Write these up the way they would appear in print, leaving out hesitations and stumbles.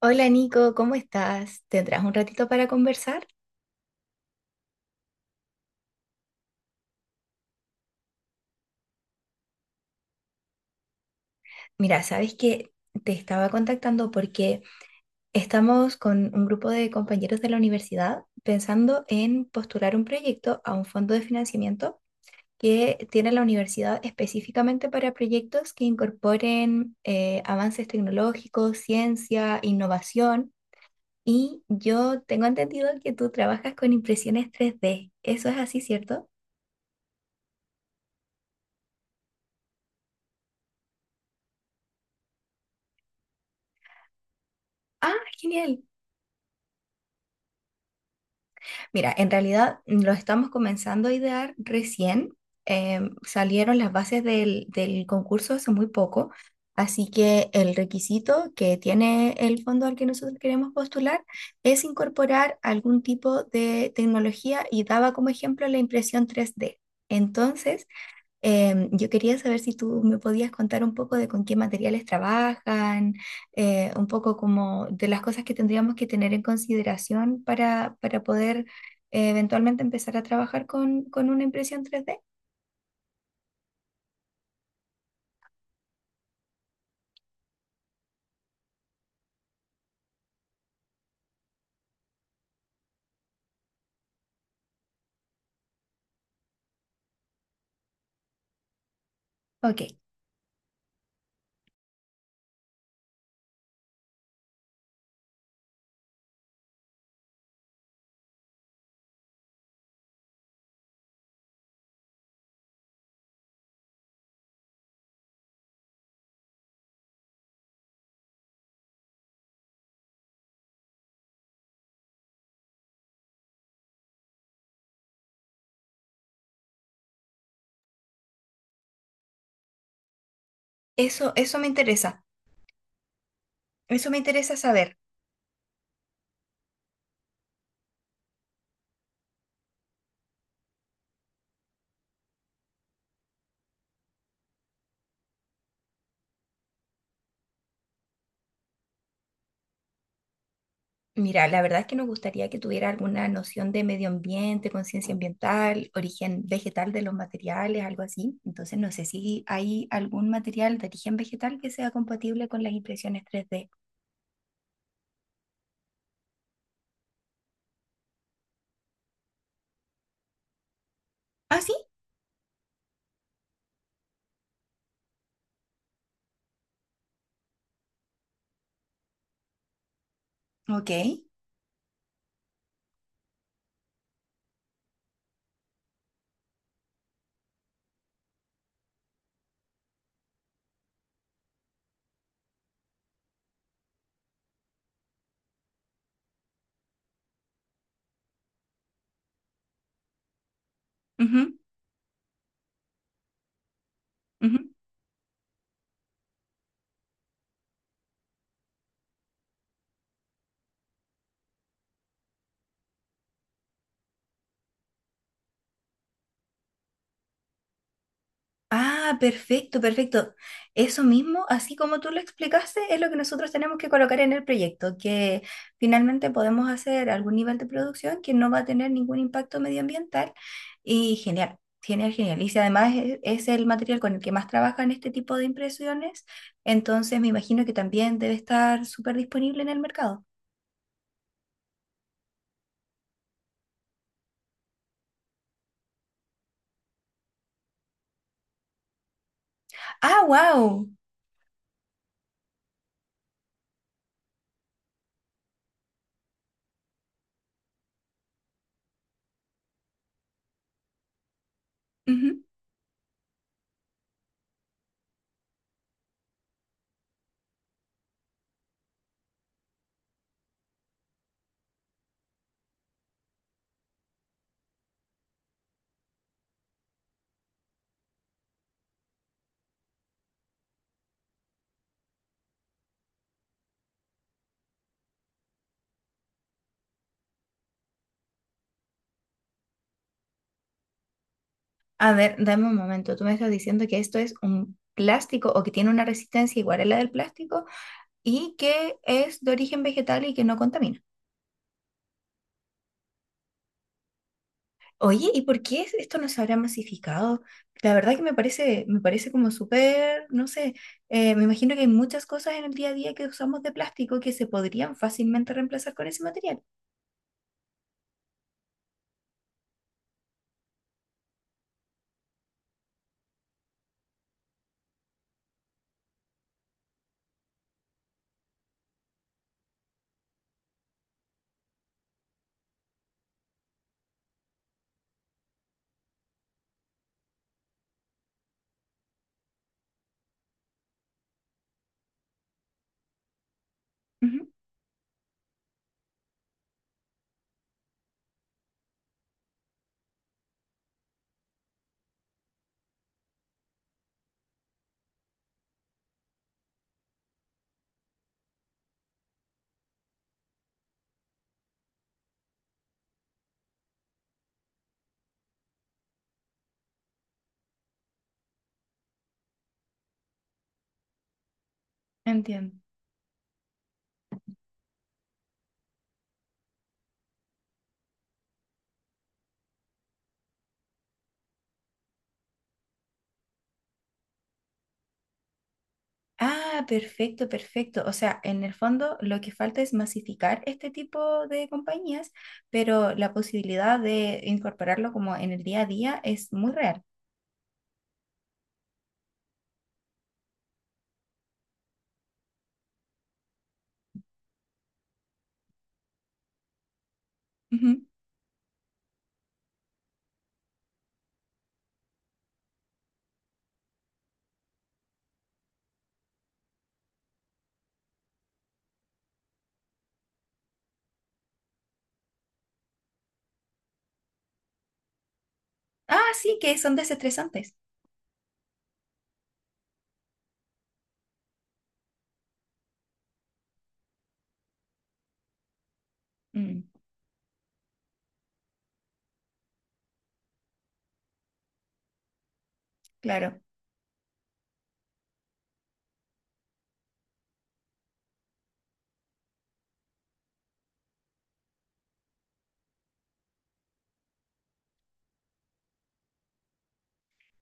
Hola Nico, ¿cómo estás? ¿Tendrás un ratito para conversar? Mira, sabes que te estaba contactando porque estamos con un grupo de compañeros de la universidad pensando en postular un proyecto a un fondo de financiamiento que tiene la universidad específicamente para proyectos que incorporen avances tecnológicos, ciencia, innovación. Y yo tengo entendido que tú trabajas con impresiones tres d. ¿Eso es así, cierto? Ah, genial. Mira, en realidad lo estamos comenzando a idear recién. Salieron las bases del concurso hace muy poco, así que el requisito que tiene el fondo al que nosotros queremos postular es incorporar algún tipo de tecnología y daba como ejemplo la impresión tres d. Entonces, yo quería saber si tú me podías contar un poco de con qué materiales trabajan, un poco como de las cosas que tendríamos que tener en consideración para poder eventualmente empezar a trabajar con una impresión 3D. Ok, eso me interesa, eso me interesa saber. Mira, la verdad es que nos gustaría que tuviera alguna noción de medio ambiente, conciencia ambiental, origen vegetal de los materiales, algo así. Entonces, no sé si hay algún material de origen vegetal que sea compatible con las impresiones tres d. Ah, sí, ok. Ujú, ujú. Ah, perfecto, perfecto. Eso mismo, así como tú lo explicaste, es lo que nosotros tenemos que colocar en el proyecto, que finalmente podemos hacer algún nivel de producción que no va a tener ningún impacto medioambiental. Y genial, genial, genial. Y si además es el material con el que más trabajan este tipo de impresiones, entonces me imagino que también debe estar súper disponible en el mercado. Ah, wow. A ver, dame un momento. Tú me estás diciendo que esto es un plástico o que tiene una resistencia igual a la del plástico, y que es de origen vegetal y que no contamina. Oye, ¿y por qué es- esto no se habrá masificado? La verdad que me parece como súper, no sé, me imagino que hay muchas cosas en el día a día que usamos de plástico que se podrían fácilmente reemplazar con ese material. Ujú, entiendo. Ah, perfecto, perfecto. O sea, en el fondo lo que falta es masificar este tipo de compañías, pero la posibilidad de incorporarlo como en el día a día es muy real. Ujú. Ah, sí, que son desestresantes. Mm. Claro,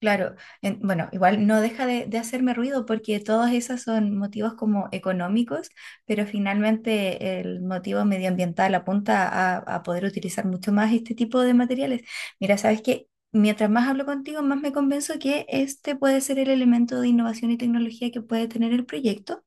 claro. En- bueno, igual no deja de hacerme ruido porque todos esos son motivos como económicos, pero finalmente el motivo medioambiental apunta a poder utilizar mucho más este tipo de materiales. Mira, sabes que mientras más hablo contigo, más me convenzo que este puede ser el elemento de innovación y tecnología que puede tener el proyecto.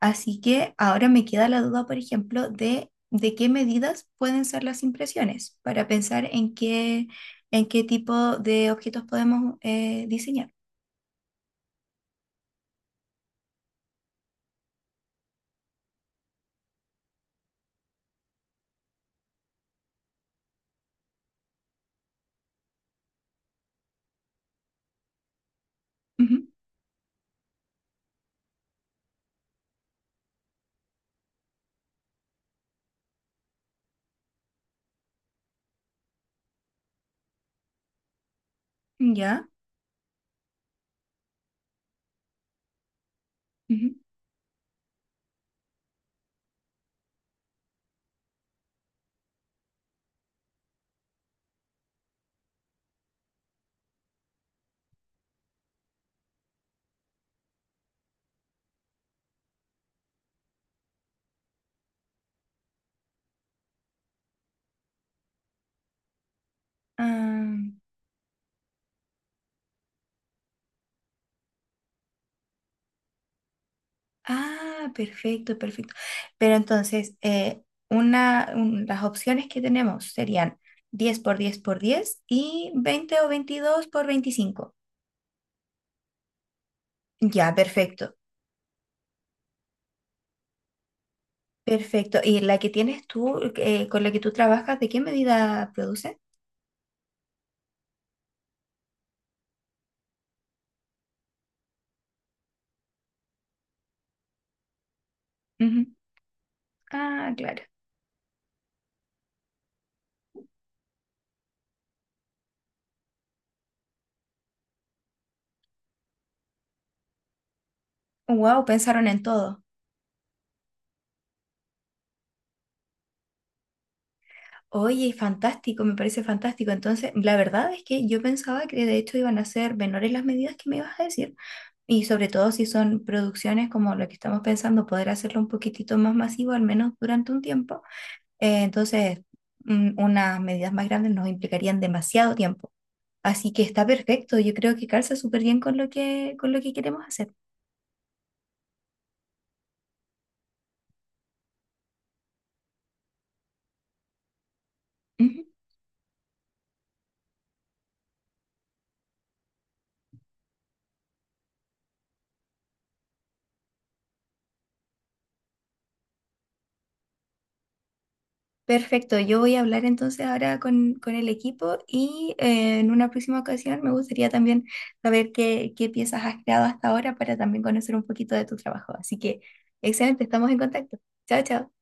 Así que ahora me queda la duda, por ejemplo, de qué medidas pueden ser las impresiones para pensar en qué tipo de objetos podemos diseñar. Ujú. Ya. Ujú. Ah, ah, perfecto, perfecto. Pero entonces, una, un- las opciones que tenemos serían 10 por 10 por 10 y 20 o 22 por 25. Ya, perfecto, perfecto. ¿Y la que tienes tú, con la que tú trabajas, de qué medida produce? Ujú. Ah, claro. Wow, pensaron en todo. Oye, fantástico, me parece fantástico. Entonces, la verdad es que yo pensaba que de hecho iban a ser menores las medidas que me ibas a decir. Y sobre todo si son producciones como lo que estamos pensando, poder hacerlo un poquitito más masivo, al menos durante un tiempo. Entonces, unas medidas más grandes nos implicarían demasiado tiempo. Así que está perfecto. Yo creo que calza súper bien con lo que queremos hacer. Perfecto, yo voy a hablar entonces ahora con el equipo y en una próxima ocasión me gustaría también saber qué, qué piezas has creado hasta ahora para también conocer un poquito de tu trabajo. Así que, excelente, estamos en contacto. Chao, chao.